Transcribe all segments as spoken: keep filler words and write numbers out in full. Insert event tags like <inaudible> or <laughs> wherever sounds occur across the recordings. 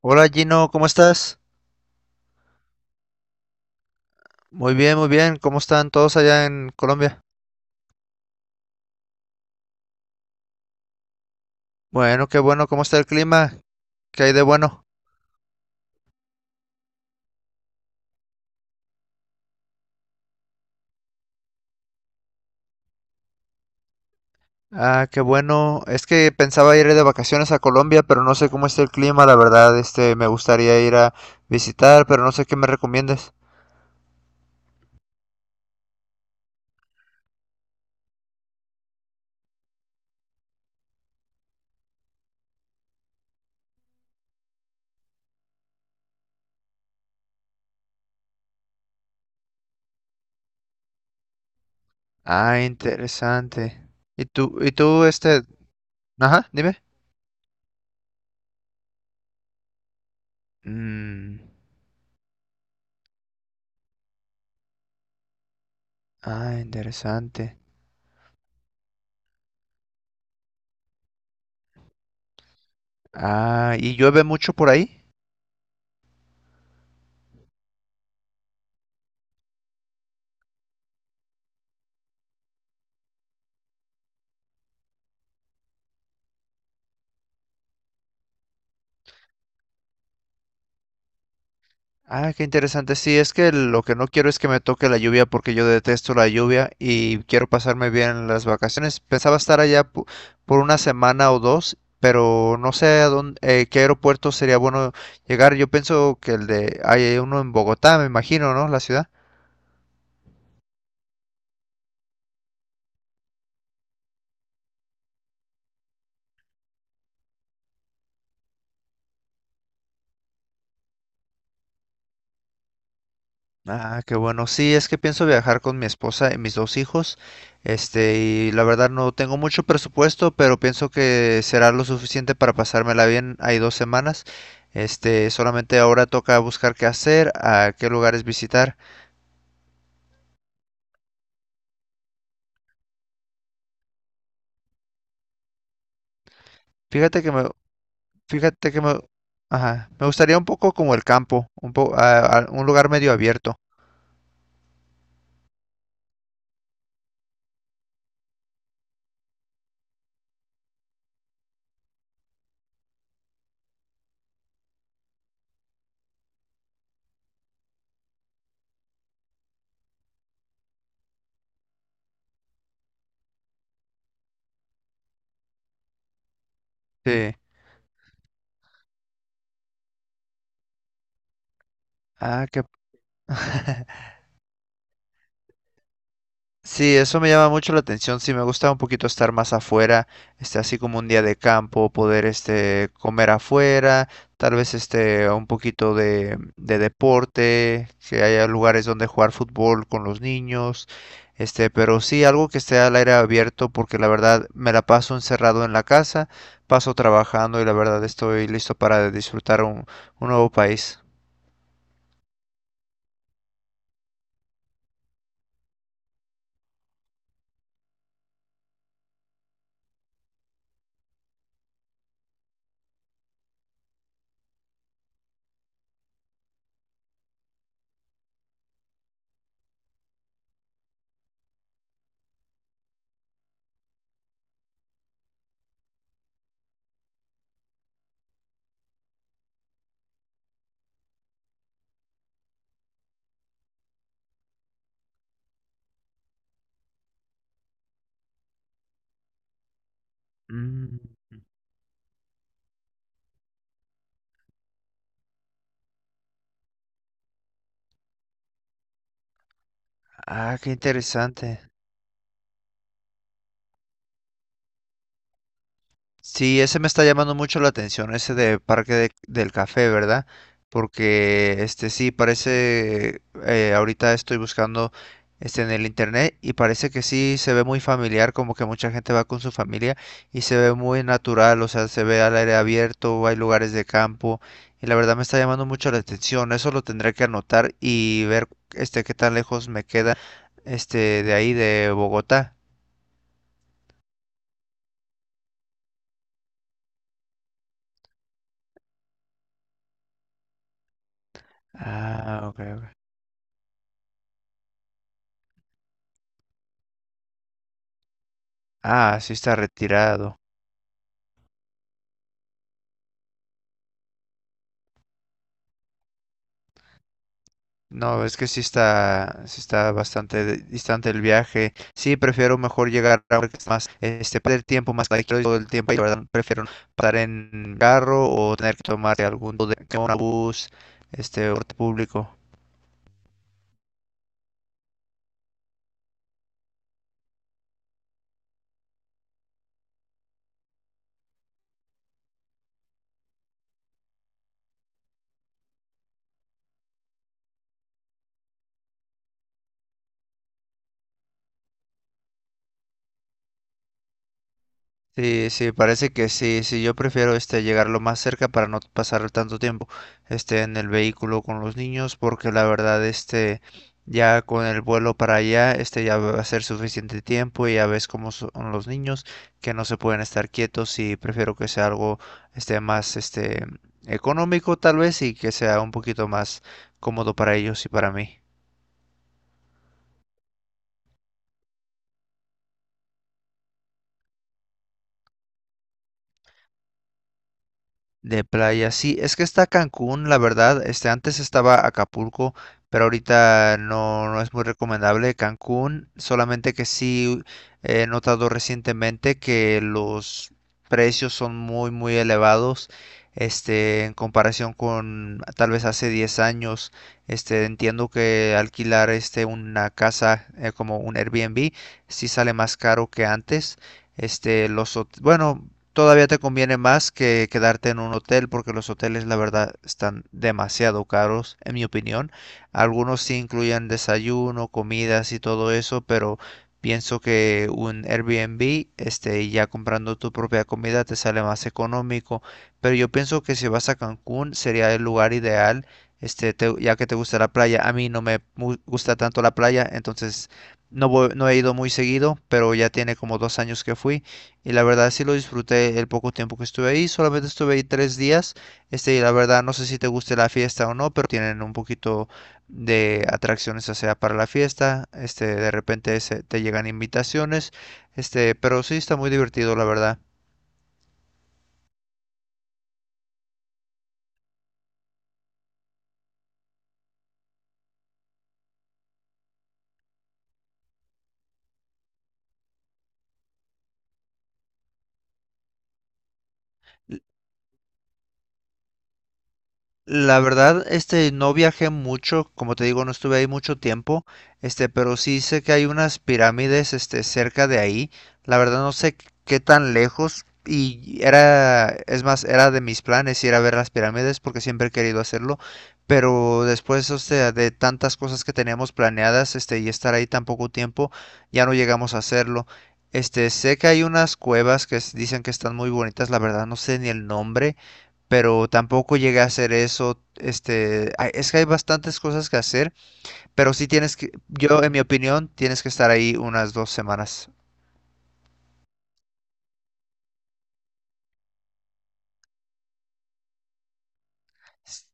Hola Gino, ¿cómo estás? Muy bien, muy bien. ¿Cómo están todos allá en Colombia? Bueno, qué bueno. ¿Cómo está el clima? ¿Qué hay de bueno? Ah, qué bueno. Es que pensaba ir de vacaciones a Colombia, pero no sé cómo está el clima, la verdad. Este, me gustaría ir a visitar, pero no sé qué me recomiendes. Ah, interesante. ¿Y tú, y tú, este, ajá, ¿dime? Mm, ah, interesante. Ah, ¿y llueve mucho por ahí? Ah, qué interesante. Sí, es que lo que no quiero es que me toque la lluvia porque yo detesto la lluvia y quiero pasarme bien las vacaciones. Pensaba estar allá po- por una semana o dos, pero no sé a dónde, eh, qué aeropuerto sería bueno llegar. Yo pienso que el de, hay uno en Bogotá, me imagino, ¿no? La ciudad. Ah, qué bueno. Sí, es que pienso viajar con mi esposa y mis dos hijos. Este, y la verdad no tengo mucho presupuesto, pero pienso que será lo suficiente para pasármela bien. Hay dos semanas. Este, solamente ahora toca buscar qué hacer, a qué lugares visitar. Fíjate que me, fíjate que me, ajá, me gustaría un poco como el campo, un po- a- a- un lugar medio abierto. Sí. Ah, qué. <laughs> Sí, eso me llama mucho la atención. Sí, me gusta un poquito estar más afuera, este, así como un día de campo, poder, este, comer afuera, tal vez, este, un poquito de, de deporte, que haya lugares donde jugar fútbol con los niños, este, pero sí algo que esté al aire abierto, porque la verdad me la paso encerrado en la casa, paso trabajando y la verdad estoy listo para disfrutar un, un nuevo país. Mm, ah, qué interesante. Sí, ese me está llamando mucho la atención, ese de Parque de- del Café, ¿verdad? Porque este sí, parece, eh, ahorita estoy buscando este en el internet y parece que sí se ve muy familiar, como que mucha gente va con su familia y se ve muy natural, o sea, se ve al aire abierto, hay lugares de campo y la verdad me está llamando mucho la atención, eso lo tendré que anotar y ver este qué tan lejos me queda este de ahí de Bogotá. Ah, ok, ok. Ah, sí está retirado. No, es que sí está, sí está bastante de- distante el viaje. Sí, prefiero mejor llegar a porque es más, este, perder tiempo más que todo el tiempo. Y la verdad, prefiero pasar en carro o tener que tomar algún tipo de un bus, este, o transporte público. Sí, sí, parece que sí, sí, yo prefiero este llegar lo más cerca para no pasar tanto tiempo este en el vehículo con los niños porque la verdad este ya con el vuelo para allá este ya va a ser suficiente tiempo y ya ves cómo son los niños, que no se pueden estar quietos, y prefiero que sea algo este más este económico tal vez y que sea un poquito más cómodo para ellos y para mí. De playa, sí, es que está Cancún, la verdad, este antes estaba Acapulco, pero ahorita no, no es muy recomendable Cancún, solamente que sí he notado recientemente que los precios son muy muy elevados, este, en comparación con tal vez hace diez años, este, entiendo que alquilar este una casa eh, como un Airbnb sí sale más caro que antes. Este, los, hot- bueno, todavía te conviene más que quedarte en un hotel porque los hoteles, la verdad, están demasiado caros, en mi opinión. Algunos sí incluyen desayuno, comidas y todo eso, pero pienso que un Airbnb, este, ya comprando tu propia comida, te sale más económico. Pero yo pienso que si vas a Cancún sería el lugar ideal, este, te- ya que te gusta la playa. A mí no me mu- gusta tanto la playa, entonces no voy- no he ido muy seguido, pero ya tiene como dos años que fui. Y la verdad sí lo disfruté el poco tiempo que estuve ahí. Solamente estuve ahí tres días. Este, y la verdad no sé si te guste la fiesta o no, pero tienen un poquito de atracciones, o sea, para la fiesta. Este, de repente se- te llegan invitaciones. Este, pero sí está muy divertido, la verdad. La verdad, este, no viajé mucho, como te digo, no estuve ahí mucho tiempo, este, pero sí sé que hay unas pirámides, este, cerca de ahí. La verdad no sé qué tan lejos y era, es más, era de mis planes ir a ver las pirámides porque siempre he querido hacerlo, pero después, o sea, de tantas cosas que teníamos planeadas, este, y estar ahí tan poco tiempo, ya no llegamos a hacerlo. Este, sé que hay unas cuevas que s- dicen que están muy bonitas, la verdad no sé ni el nombre, pero tampoco llegué a hacer eso. Este, hay- es que hay bastantes cosas que hacer, pero sí tienes que, yo en mi opinión, tienes que estar ahí unas dos semanas. S-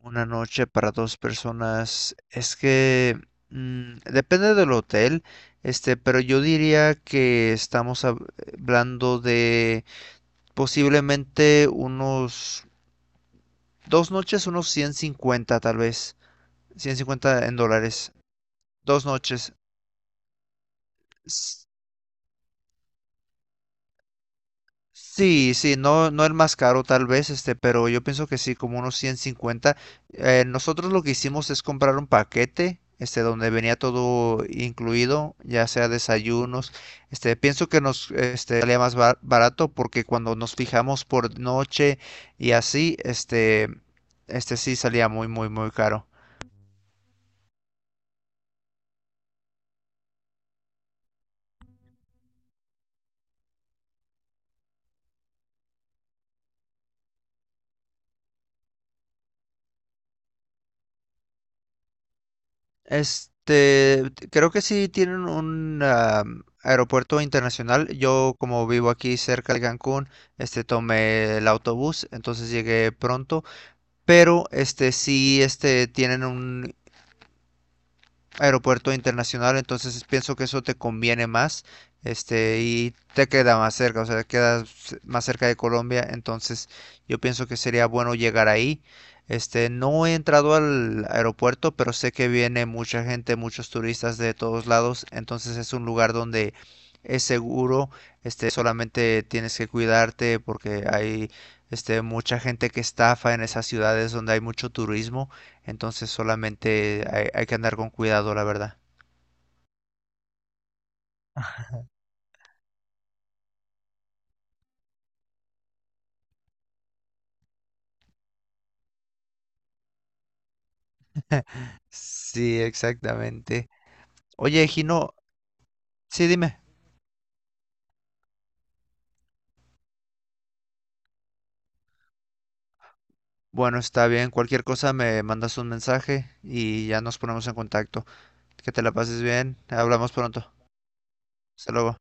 Una noche para dos personas. Es que mm, depende del hotel, este, pero yo diría que estamos hab- hablando de posiblemente unos dos noches, unos ciento cincuenta tal vez. ciento cincuenta en dólares. Dos noches. Sí, sí, no, no el más caro tal vez, este, pero yo pienso que sí, como unos ciento cincuenta. Eh, nosotros lo que hicimos es comprar un paquete, este, donde venía todo incluido, ya sea desayunos. Este, pienso que nos, este, salía más bar- barato porque cuando nos fijamos por noche y así, este, este sí salía muy, muy, muy caro. Este, Creo que sí tienen un am, aeropuerto internacional. Yo, como vivo aquí cerca de Cancún, este, tomé el autobús, entonces llegué pronto. Pero, este, sí, este, tienen un aeropuerto internacional, entonces pienso que eso te conviene más, este, y te queda más cerca, o sea, quedas más cerca de Colombia, entonces yo pienso que sería bueno llegar ahí. Este, no he entrado al aeropuerto, pero sé que viene mucha gente, muchos turistas de todos lados, entonces es un lugar donde es seguro, este, solamente tienes que cuidarte porque hay, este, mucha gente que estafa en esas ciudades donde hay mucho turismo. Entonces solamente hay, hay que andar con cuidado, la verdad. Sí, exactamente. Oye, Gino, sí, dime. Bueno, está bien. Cualquier cosa me mandas un mensaje y ya nos ponemos en contacto. Que te la pases bien. Hablamos pronto. Hasta luego.